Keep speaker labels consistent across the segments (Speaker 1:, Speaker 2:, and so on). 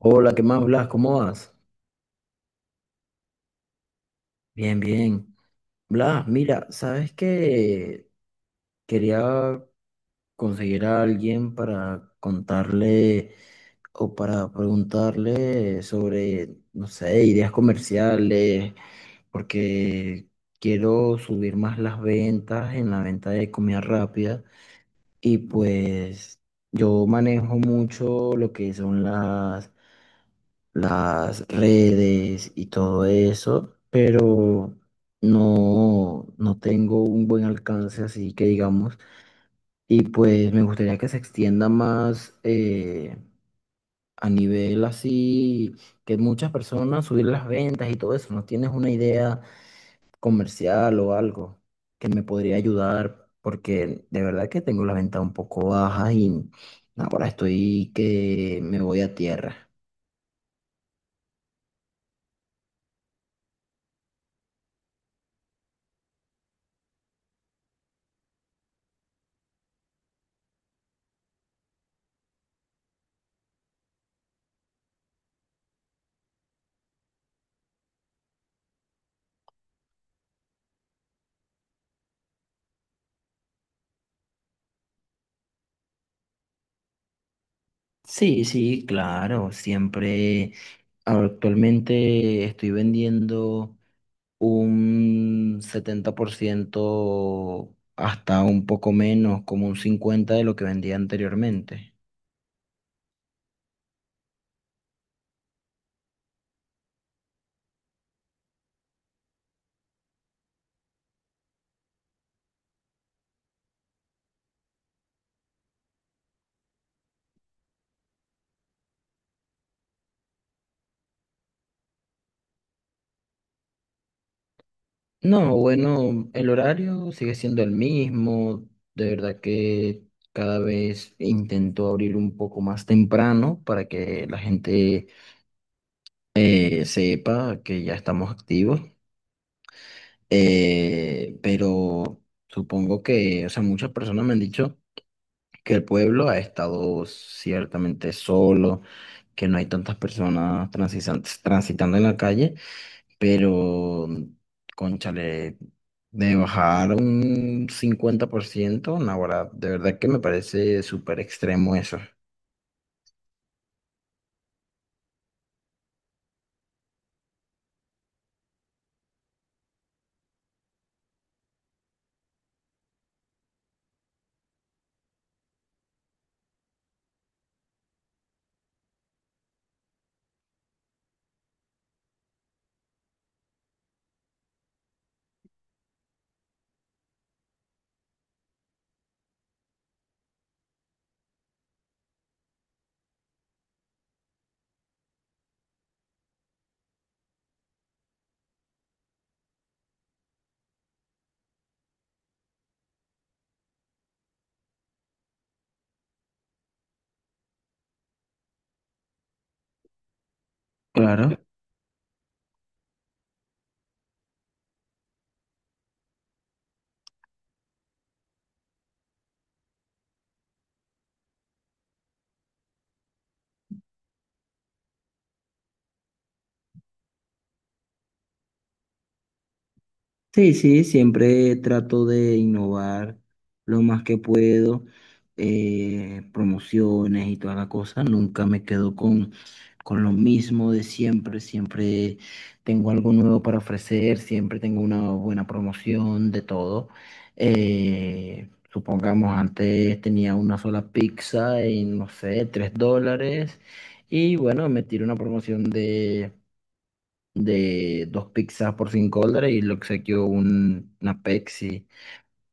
Speaker 1: Hola, ¿qué más, Blas? ¿Cómo vas? Bien, bien. Blas, mira, ¿sabes qué? Quería conseguir a alguien para contarle o para preguntarle sobre, no sé, ideas comerciales, porque quiero subir más las ventas en la venta de comida rápida y pues yo manejo mucho lo que son las redes y todo eso, pero no tengo un buen alcance, así que digamos, y pues me gustaría que se extienda más a nivel así, que muchas personas subir las ventas y todo eso. ¿No tienes una idea comercial o algo que me podría ayudar? Porque de verdad que tengo la venta un poco baja y ahora estoy que me voy a tierra. Sí, sí, claro, siempre. Actualmente estoy vendiendo un 70%, hasta un poco menos, como un 50% de lo que vendía anteriormente. No, bueno, el horario sigue siendo el mismo. De verdad que cada vez intento abrir un poco más temprano para que la gente sepa que ya estamos activos. Pero supongo que, o sea, muchas personas me han dicho que el pueblo ha estado ciertamente solo, que no hay tantas personas transitando en la calle, pero, cónchale, de bajar un 50%, naguará, de verdad que me parece súper extremo eso. Claro. Sí, sí, siempre trato de innovar lo más que puedo, promociones y toda la cosa. Nunca me quedo con lo mismo de siempre. Siempre tengo algo nuevo para ofrecer, siempre tengo una buena promoción de todo. Supongamos, antes tenía una sola pizza en, no sé, $3. Y bueno, me tiré una promoción de dos pizzas por $5 y le obsequió un, una Pepsi.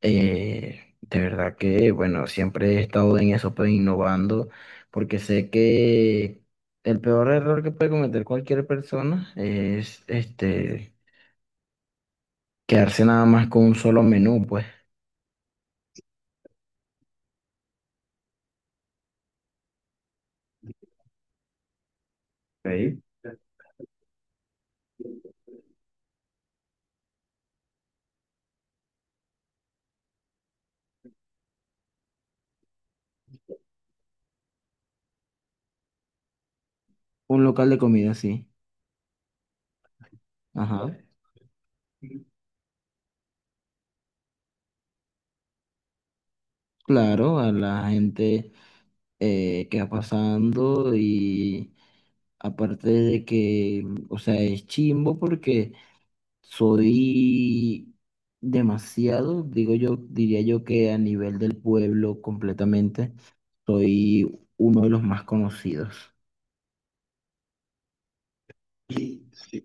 Speaker 1: De verdad que, bueno, siempre he estado en eso, pues innovando, porque sé que el peor error que puede cometer cualquier persona es este, quedarse nada más con un solo menú, pues. Ok. Un local de comida, sí. Ajá. Claro, a la gente que va pasando y aparte de que, o sea, es chimbo porque soy demasiado, digo yo, diría yo que a nivel del pueblo completamente, soy uno de los más conocidos. Sí, sí.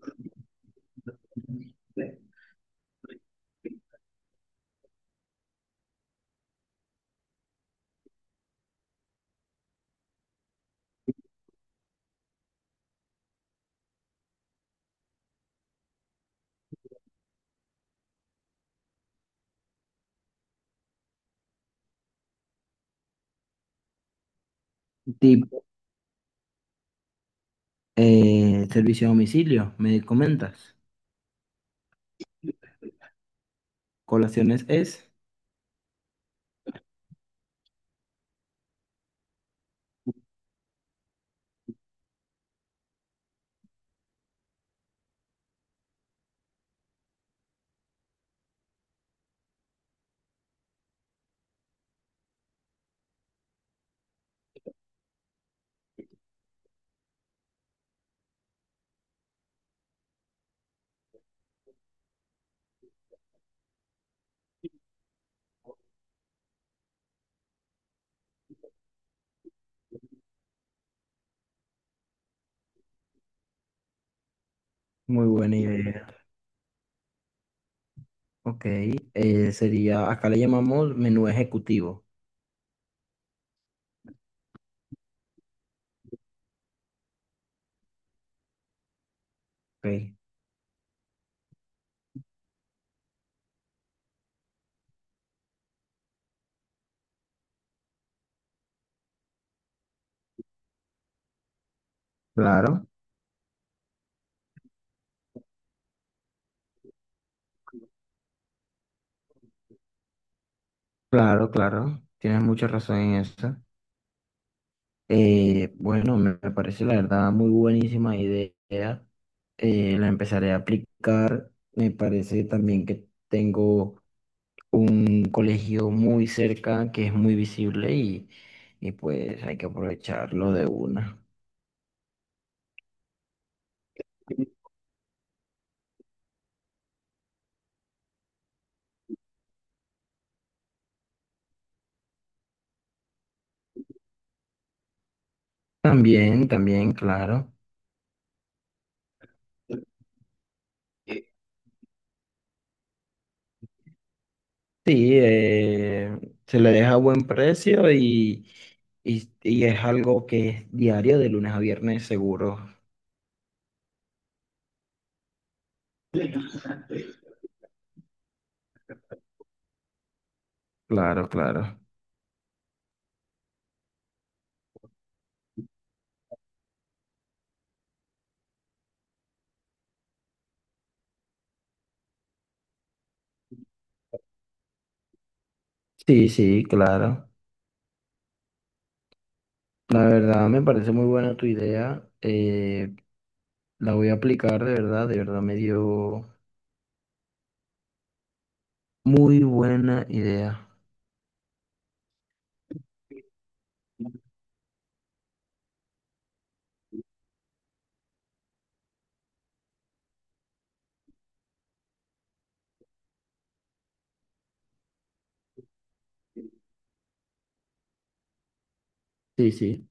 Speaker 1: Tipo, servicio a domicilio, me comentas. Colaciones es muy buena idea. Ok, sería, acá le llamamos menú ejecutivo. Ok, claro, claro, claro. Tienes mucha razón en eso. Bueno, me parece la verdad muy buenísima idea. La empezaré a aplicar. Me parece también que tengo un colegio muy cerca que es muy visible y pues hay que aprovecharlo de una. También, también, claro. Sí, se le deja a buen precio y es algo que es diario de lunes a viernes seguro. Claro, claro. Sí, sí, claro. La verdad me parece muy buena tu idea. La voy a aplicar de verdad me dio muy buena idea. Sí, sí.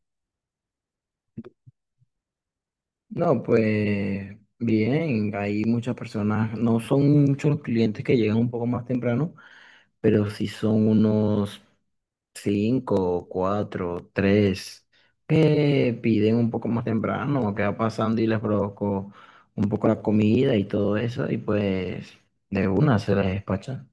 Speaker 1: No, pues bien, hay muchas personas, no son muchos los clientes que llegan un poco más temprano, pero sí son unos cinco, cuatro, tres, que piden un poco más temprano, que va pasando y les provocó un poco la comida y todo eso, y pues de una se les despachan.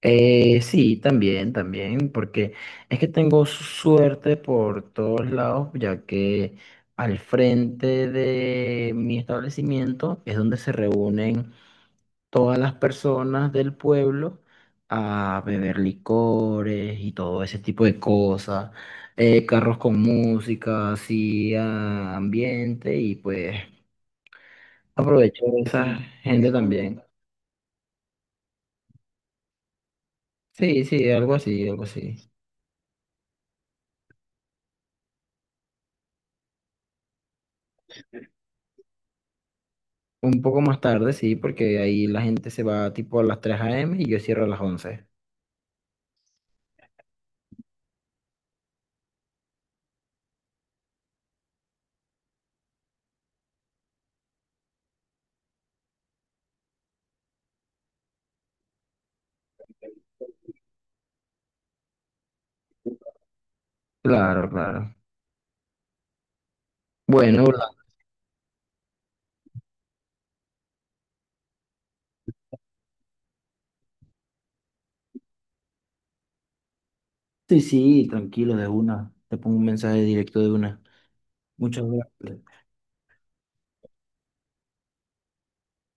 Speaker 1: Sí, también, también, porque es que tengo suerte por todos lados, ya que al frente de mi establecimiento es donde se reúnen todas las personas del pueblo a beber licores y todo ese tipo de cosas, carros con música, así ah, ambiente y pues aprovechar esa gente también. Sí, sí, algo así, algo así. Un poco más tarde, sí, porque ahí la gente se va tipo a las 3 a. m. y yo cierro a las 11. Claro, claro. Bueno, Orlando. Sí, sí, tranquilo, de una. Te pongo un mensaje directo de una. Muchas gracias.